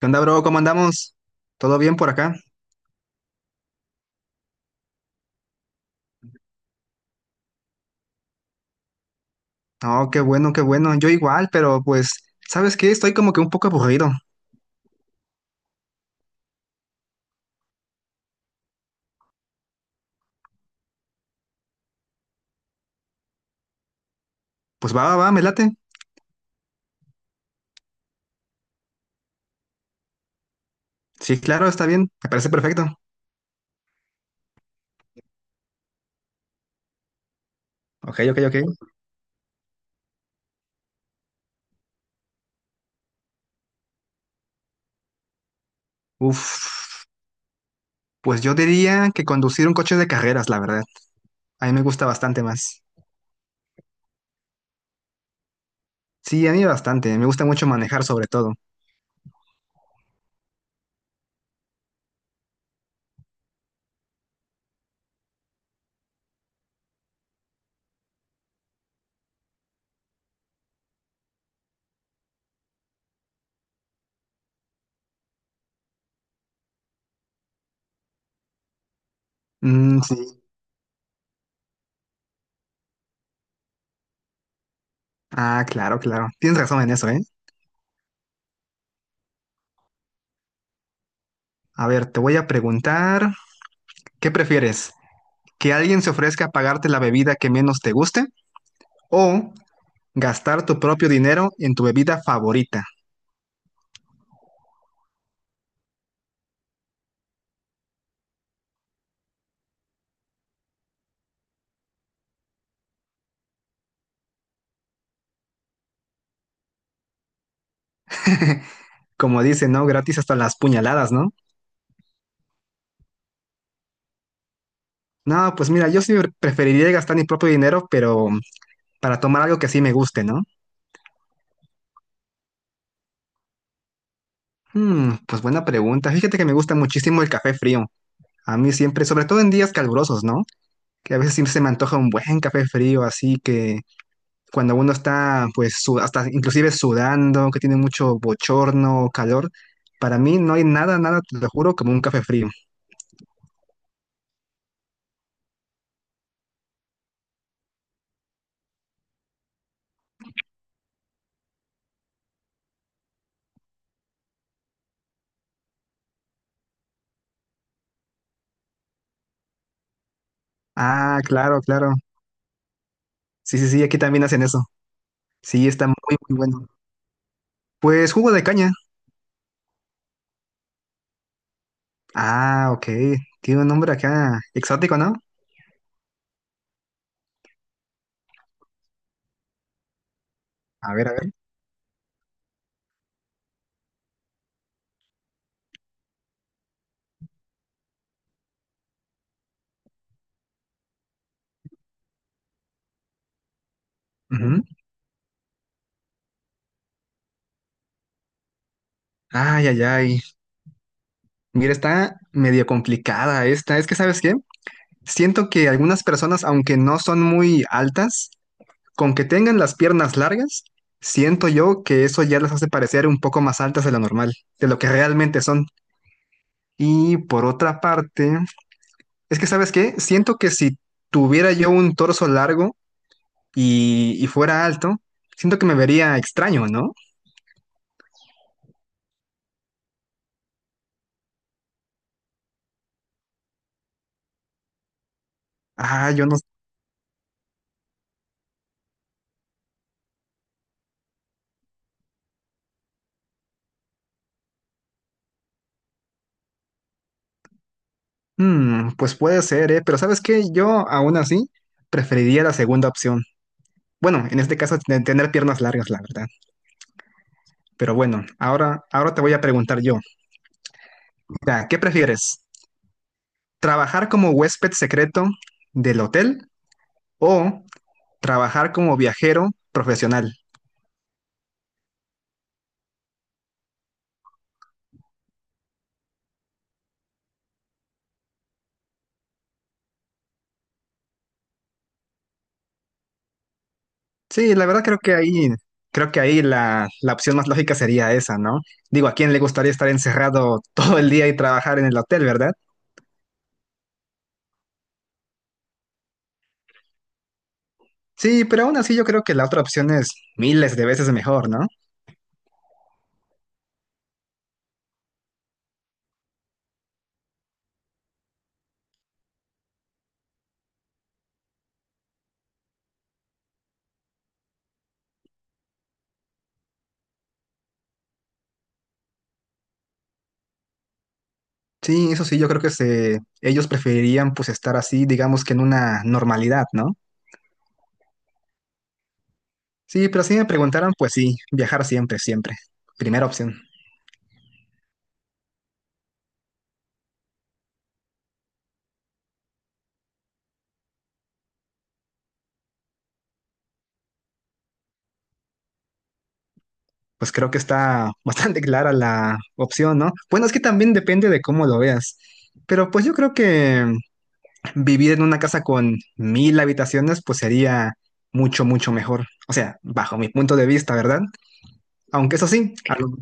¿Qué onda, bro? ¿Cómo andamos? ¿Todo bien por acá? Oh, qué bueno, qué bueno. Yo igual, pero pues, ¿sabes qué? Estoy como que un poco aburrido. Pues va, va, va, me late. Sí, claro, está bien. Me parece perfecto. Ok, ok, ok. Uf, pues yo diría que conducir un coche de carreras, la verdad. A mí me gusta bastante más. Sí, a mí bastante. Me gusta mucho manejar sobre todo. Mm, sí. Ah, claro, claro. Tienes razón en eso, ¿eh? A ver, te voy a preguntar, ¿qué prefieres? ¿Que alguien se ofrezca a pagarte la bebida que menos te guste? ¿O gastar tu propio dinero en tu bebida favorita? Como dice, ¿no? Gratis hasta las puñaladas, ¿no? No, pues mira, yo sí preferiría gastar mi propio dinero, pero para tomar algo que sí me guste, ¿no? Hmm, pues buena pregunta. Fíjate que me gusta muchísimo el café frío. A mí siempre, sobre todo en días calurosos, ¿no? Que a veces siempre se me antoja un buen café frío, así que cuando uno está, pues, hasta inclusive sudando, que tiene mucho bochorno, calor, para mí no hay nada, nada, te lo juro, como un café frío. Ah, claro, claro. Sí, sí, sí, aquí también hacen eso. Sí, está muy, muy bueno. Pues jugo de caña. Ah, ok. Tiene un nombre acá exótico, ¿no? A ver, a ver. Ujú. Ay, ay, ay. Mira, está medio complicada esta. Es que, ¿sabes qué? Siento que algunas personas, aunque no son muy altas, con que tengan las piernas largas, siento yo que eso ya las hace parecer un poco más altas de lo normal, de lo que realmente son. Y por otra parte, es que, ¿sabes qué? Siento que si tuviera yo un torso largo, y fuera alto, siento que me vería extraño, ¿no? Ah, yo no. Mm, pues puede ser, ¿eh? Pero ¿sabes qué? Yo aún así preferiría la segunda opción. Bueno, en este caso, tener piernas largas, la verdad. Pero bueno, ahora te voy a preguntar yo. Mira, ¿qué prefieres? ¿Trabajar como huésped secreto del hotel o trabajar como viajero profesional? Sí, la verdad creo que ahí la opción más lógica sería esa, ¿no? Digo, ¿a quién le gustaría estar encerrado todo el día y trabajar en el hotel, verdad? Sí, pero aún así yo creo que la otra opción es miles de veces mejor, ¿no? Sí, eso sí, yo creo que ellos preferirían pues estar así, digamos que en una normalidad, ¿no? Sí, pero si me preguntaran, pues sí, viajar siempre, siempre. Primera opción. Pues creo que está bastante clara la opción, ¿no? Bueno, es que también depende de cómo lo veas. Pero pues yo creo que vivir en una casa con mil habitaciones pues sería mucho, mucho mejor. O sea, bajo mi punto de vista, ¿verdad? Aunque eso sí, a lo-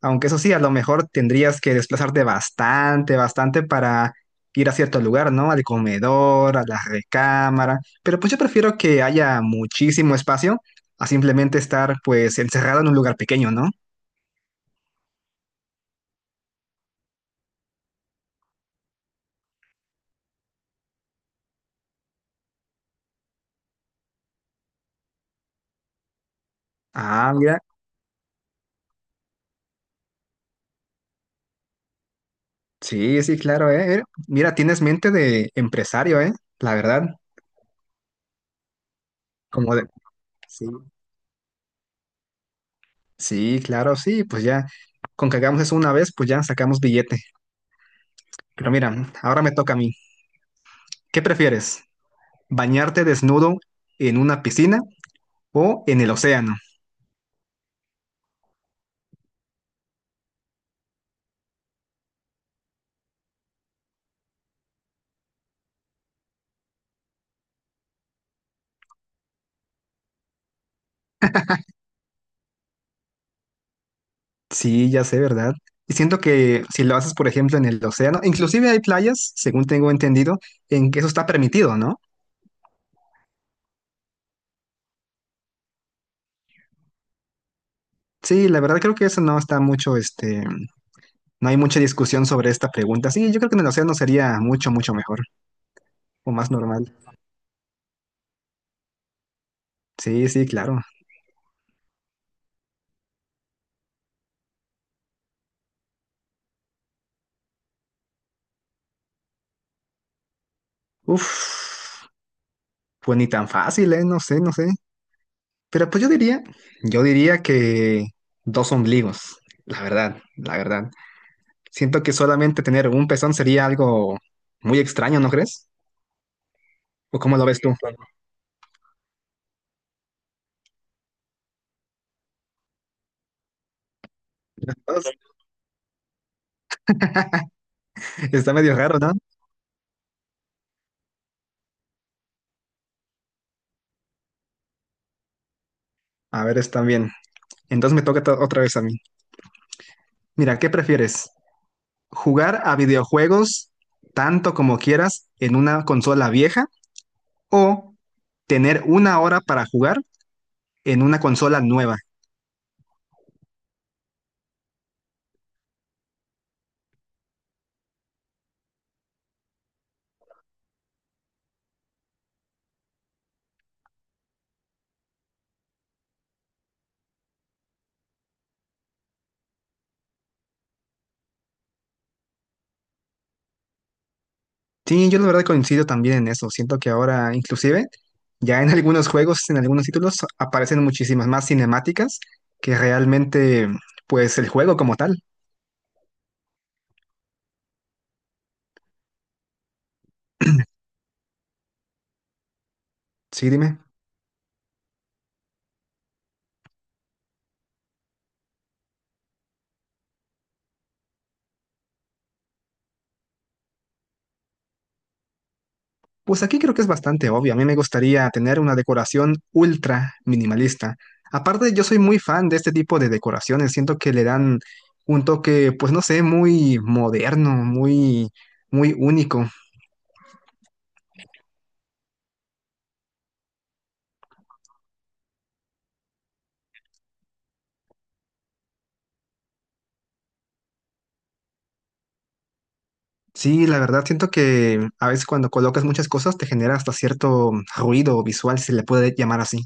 aunque eso sí, a lo mejor tendrías que desplazarte bastante, bastante para ir a cierto lugar, ¿no? Al comedor, a la recámara. Pero pues yo prefiero que haya muchísimo espacio a simplemente estar pues encerrado en un lugar pequeño, ¿no? Ah, mira, sí, sí, claro, eh. Mira, mira, tienes mente de empresario, la verdad. Como de, sí, sí, claro, sí, pues ya, con que hagamos eso una vez, pues ya sacamos billete. Pero mira, ahora me toca a mí. ¿Qué prefieres? ¿Bañarte desnudo en una piscina o en el océano? Sí, ya sé, ¿verdad? Y siento que si lo haces, por ejemplo, en el océano, inclusive hay playas, según tengo entendido, en que eso está permitido, ¿no? Sí, la verdad creo que eso no está mucho, no hay mucha discusión sobre esta pregunta. Sí, yo creo que en el océano sería mucho, mucho mejor o más normal. Sí, sí, claro. Uf, pues ni tan fácil, ¿eh? No sé, no sé. Pero pues yo diría, yo diría que dos ombligos, la verdad, la verdad. Siento que solamente tener un pezón sería algo muy extraño, ¿no crees? ¿O cómo lo ves tú? Está medio raro, ¿no? A ver, está bien. Entonces me toca otra vez a mí. Mira, ¿qué prefieres? Jugar a videojuegos tanto como quieras en una consola vieja o tener una hora para jugar en una consola nueva. Sí, yo la verdad coincido también en eso. Siento que ahora inclusive ya en algunos juegos, en algunos títulos aparecen muchísimas más cinemáticas que realmente pues el juego como tal. Sí, dime. Pues aquí creo que es bastante obvio. A mí me gustaría tener una decoración ultra minimalista. Aparte, yo soy muy fan de este tipo de decoraciones. Siento que le dan un toque, pues no sé, muy moderno, muy, muy único. Sí, la verdad, siento que a veces cuando colocas muchas cosas te genera hasta cierto ruido visual, si se le puede llamar así.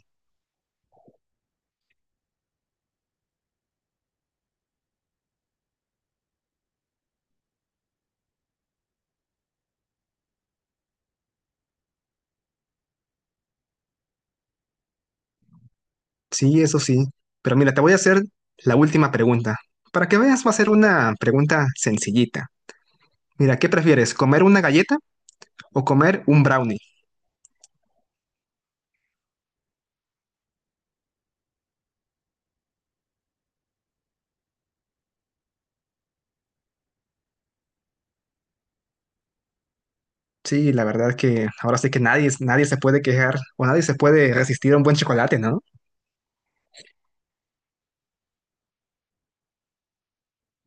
Sí, eso sí. Pero mira, te voy a hacer la última pregunta. Para que veas, va a ser una pregunta sencillita. Mira, ¿qué prefieres, comer una galleta o comer un brownie? Sí, la verdad que ahora sí que nadie, nadie se puede quejar o nadie se puede resistir a un buen chocolate, ¿no?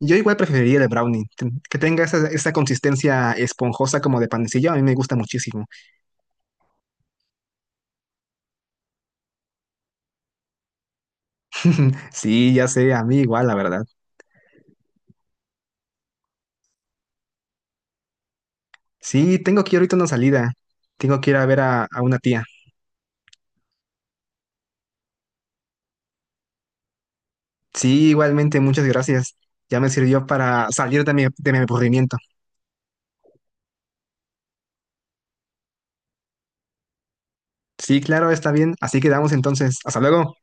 Yo igual preferiría el de brownie, que tenga esa, esa consistencia esponjosa como de panecillo, a mí me gusta muchísimo. Sí, ya sé, a mí igual, la verdad. Sí, tengo que ir ahorita a una salida, tengo que ir a ver a una tía. Sí, igualmente, muchas gracias. Ya me sirvió para salir de de mi aburrimiento. Sí, claro, está bien, así quedamos entonces. Hasta luego.